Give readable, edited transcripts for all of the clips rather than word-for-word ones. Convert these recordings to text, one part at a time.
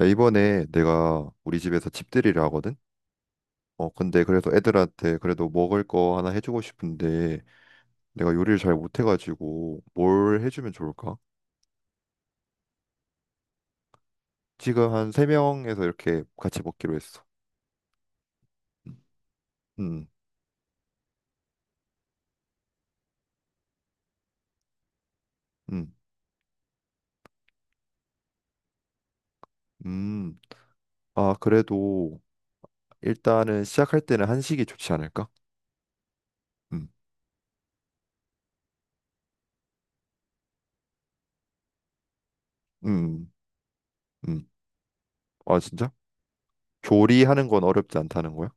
야, 이번에 내가 우리 집에서 집들이를 하거든? 어, 근데 그래서 애들한테 그래도 먹을 거 하나 해주고 싶은데 내가 요리를 잘 못해가지고 뭘 해주면 좋을까? 지금 한 세명에서 이렇게 같이 먹기로 했어. 음, 음, 음. 음. 아, 그래도 일단은 시작할 때는 한식이 좋지 않을까? 음, 음, 음. 아, 진짜? 조리하는 건 어렵지 않다는 거야?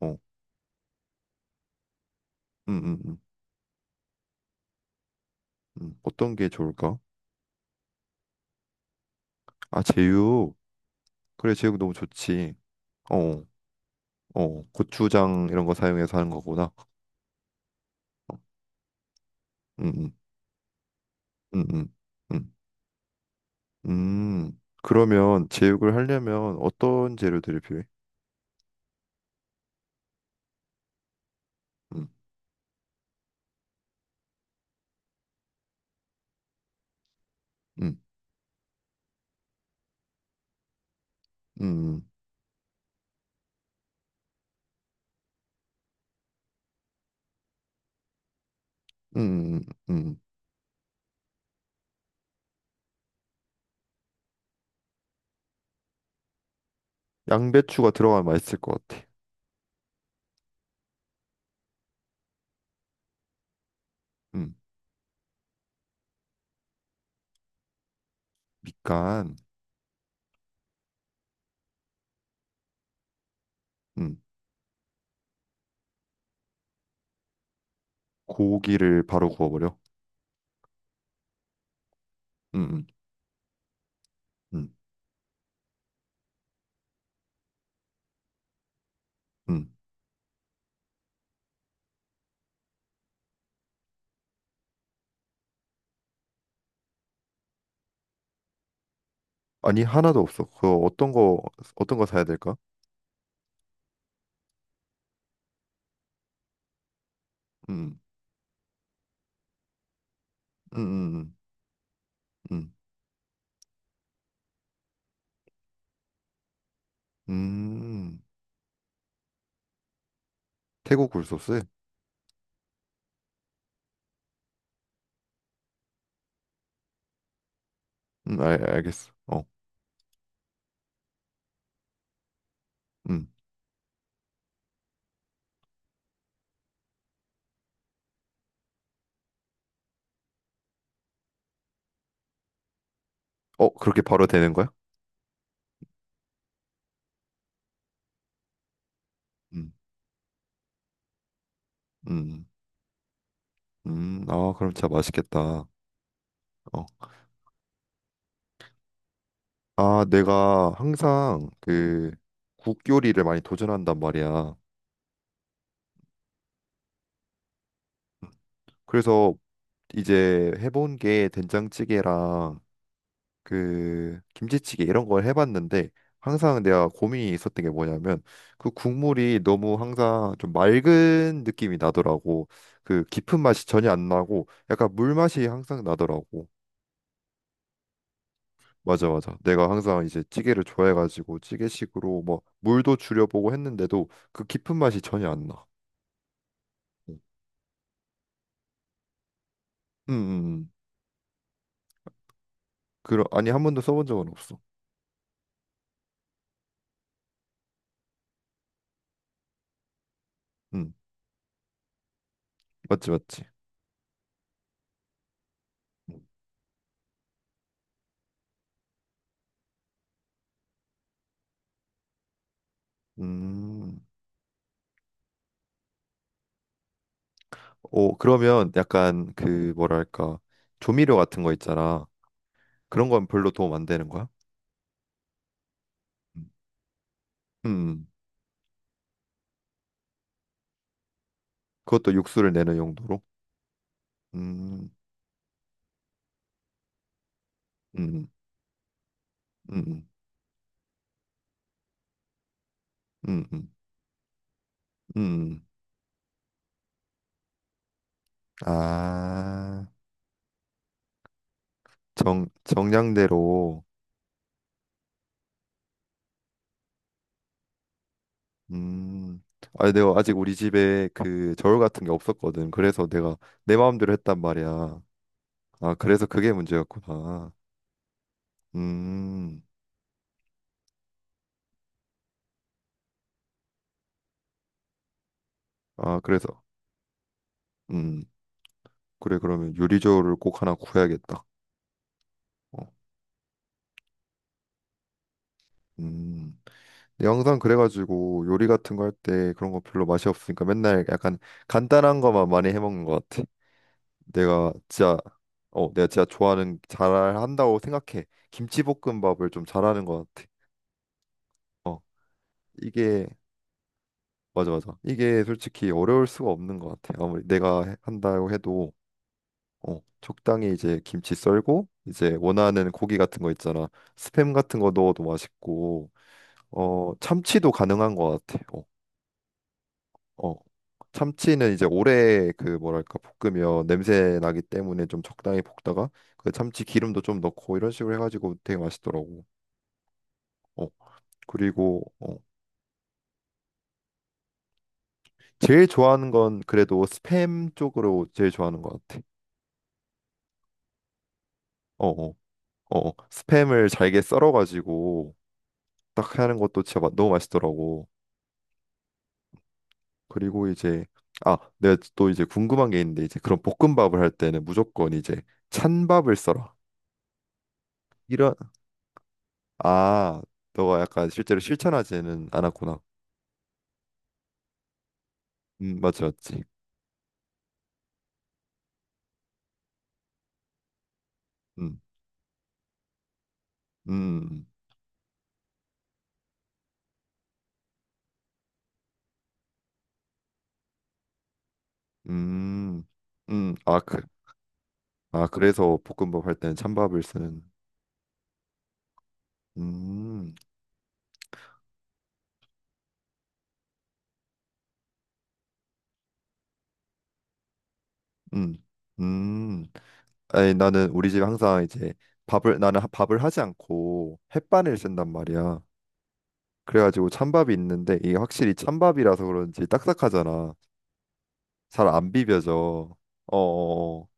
어, 음, 음, 음. 음. 어떤 게 좋을까? 아, 제육. 그래, 제육 너무 좋지. 어. 어. 어, 고추장 이런 거 사용해서 하는 거구나. 음, 음, 음, 음, 음. 그러면 제육을 하려면 어떤 재료들이 필요해? 음, 음, 음, 음, 음, 음. 양배추가 들어가면 맛있을 것 같아. 음, 밑간, 음, 고기를 바로 구워버려. 음, 음, 음, 음. 아니 하나도 없어. 그거 어떤 거 사야 될까? 음, 음, 음, 음, 음. 태국 굴소스? 알겠어. 어, 음. 어, 그렇게 바로 되는 거야? 음, 음, 아, 그럼 진짜 맛있겠다. 어. 아, 내가 항상 그 국 요리를 많이 도전한단 말이야. 그래서 이제 해본 게 된장찌개랑 그 김치찌개 이런 걸 해봤는데 항상 내가 고민이 있었던 게 뭐냐면 그 국물이 너무 항상 좀 맑은 느낌이 나더라고. 그 깊은 맛이 전혀 안 나고 약간 물 맛이 항상 나더라고. 맞아, 맞아. 내가 항상 이제 찌개를 좋아해가지고 찌개식으로 뭐 물도 줄여보고 했는데도 그 깊은 맛이 전혀 안 나. 음, 음, 음. 아니, 한 번도 써본 적은 없어. 음, 맞지, 맞지. 음, 오, 그러면 약간 그 뭐랄까 조미료 같은 거 있잖아. 그런 건 별로 도움 안 되는 거야? 음, 음. 그것도 육수를 내는 용도로. 음, 음, 음, 음, 음, 음. 아, 정 정량대로. 음. 아니 내가 아직 우리 집에 그 저울 같은 게 없었거든. 그래서 내가 내 마음대로 했단 말이야. 아, 그래서 그게 문제였구나. 음. 아, 그래서 음. 그래 그러면 요리 저울을 꼭 하나 구해야겠다. 어. 음. 근데 항상 그래가지고 요리 같은 거 할 때 그런 거 별로 맛이 없으니까 맨날 약간 간단한 거만 많이 해 먹는 것 같아. 내가 진짜 어, 내가 진짜 좋아하는 잘한다고 생각해. 김치볶음밥을 좀 잘하는 것 같아. 어. 이게 맞아 맞아. 이게 솔직히 어려울 수가 없는 것 같아. 아무리 내가 한다고 해도 어, 적당히 이제 김치 썰고 이제 원하는 고기 같은 거 있잖아. 스팸 같은 거 넣어도 맛있고 어 참치도 가능한 것 같아. 어, 어. 참치는 이제 오래 그 뭐랄까 볶으면 냄새 나기 때문에 좀 적당히 볶다가 그 참치 기름도 좀 넣고 이런 식으로 해가지고 되게 맛있더라고. 어 그리고 어 제일 좋아하는 건 그래도 스팸 쪽으로 제일 좋아하는 것 같아. 어, 어. 어, 스팸을 잘게 썰어가지고 딱 하는 것도 진짜 너무 맛있더라고. 그리고 이제 아, 내가 또 이제 궁금한 게 있는데 이제 그런 볶음밥을 할 때는 무조건 이제 찬밥을 썰어. 이런 아, 너가 약간 실제로 실천하지는 않았구나. 맞지, 맞지. 음, 음, 음, 아, 그래서 볶음밥 할 때는 찬밥을 쓰는. 음, 음, 음. 아니 나는 우리 집에 항상 이제 밥을 나는 밥을 하지 않고 햇반을 쓴단 말이야. 그래가지고 찬밥이 있는데 이게 확실히 찬밥이라서 그런지 딱딱하잖아. 잘 안 비벼져. 어. 어. 어.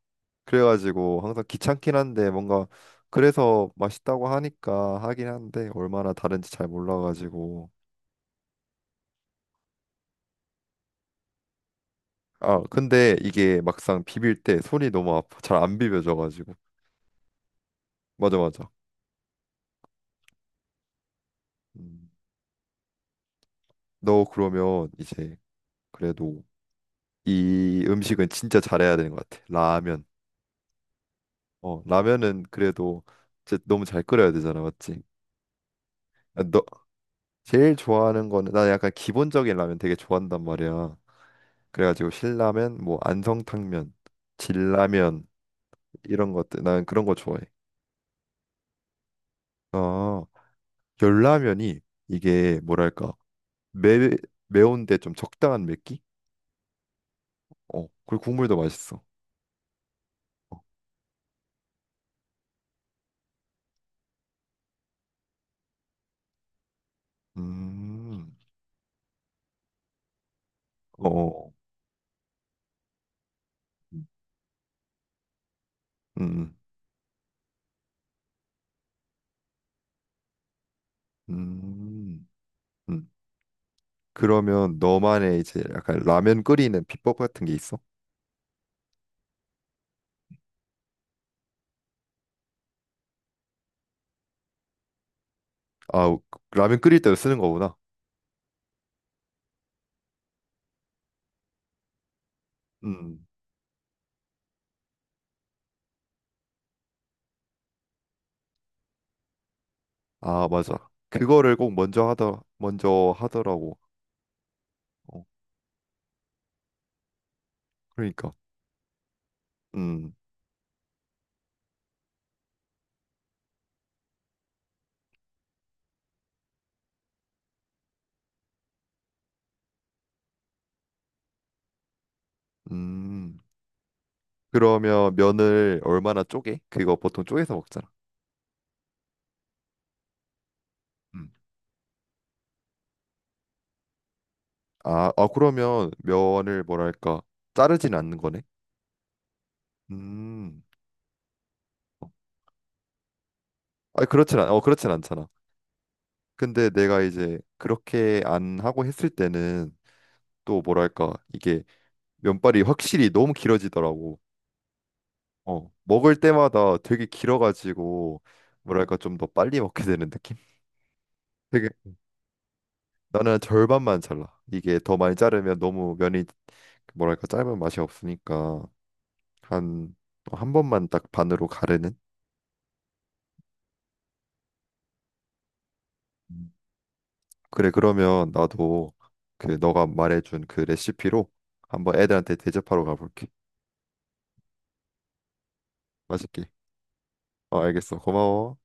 그래가지고 항상 귀찮긴 한데 뭔가 그래서 맛있다고 하니까 하긴 한데 얼마나 다른지 잘 몰라가지고. 아 근데 이게 막상 비빌 때 손이 너무 아파. 잘 안 비벼져가지고. 맞아 맞아. 음. 너 그러면 이제 그래도 이 음식은 진짜 잘해야 되는 것 같아. 라면. 어, 라면은 그래도 진짜 너무 잘 끓여야 되잖아, 맞지? 아, 너 제일 좋아하는 거는 나 약간 기본적인 라면 되게 좋아한단 말이야. 그래가지고 신라면, 뭐 안성탕면, 진라면 이런 것들 난 그런 거 좋아해. 어, 열라면이 이게 뭐랄까 매 매운데 좀 적당한 맵기? 어, 그리고 국물도 맛있어. 음, 어, 음, 음, 음. 음. 그러면 너만의 이제 약간 라면 끓이는 비법 같은 게 있어? 아, 라면 끓일 때 쓰는 거구나. 음. 아, 맞아. 그거를 꼭 먼저 하더라고. 어, 그러니까. 음. 음. 그러면 면을 얼마나 쪼개? 그거 보통 쪼개서 먹잖아. 음. 아, 아 그러면 면을 뭐랄까? 자르진 않는 거네. 음. 아, 그렇진 않잖아. 근데 내가 이제 그렇게 안 하고 했을 때는 또 뭐랄까? 이게 면발이 확실히 너무 길어지더라고. 어, 먹을 때마다 되게 길어가지고 뭐랄까 좀 더 빨리 먹게 되는 느낌? 되게 나는 절반만 잘라. 이게 더 많이 자르면 너무 면이 그 뭐랄까 짧은 맛이 없으니까 한 한 번만 딱 반으로 가르는. 음. 그래 그러면 나도 그 너가 말해준 그 레시피로 한번 애들한테 대접하러 가볼게. 맛있게. 어, 알겠어. 고마워.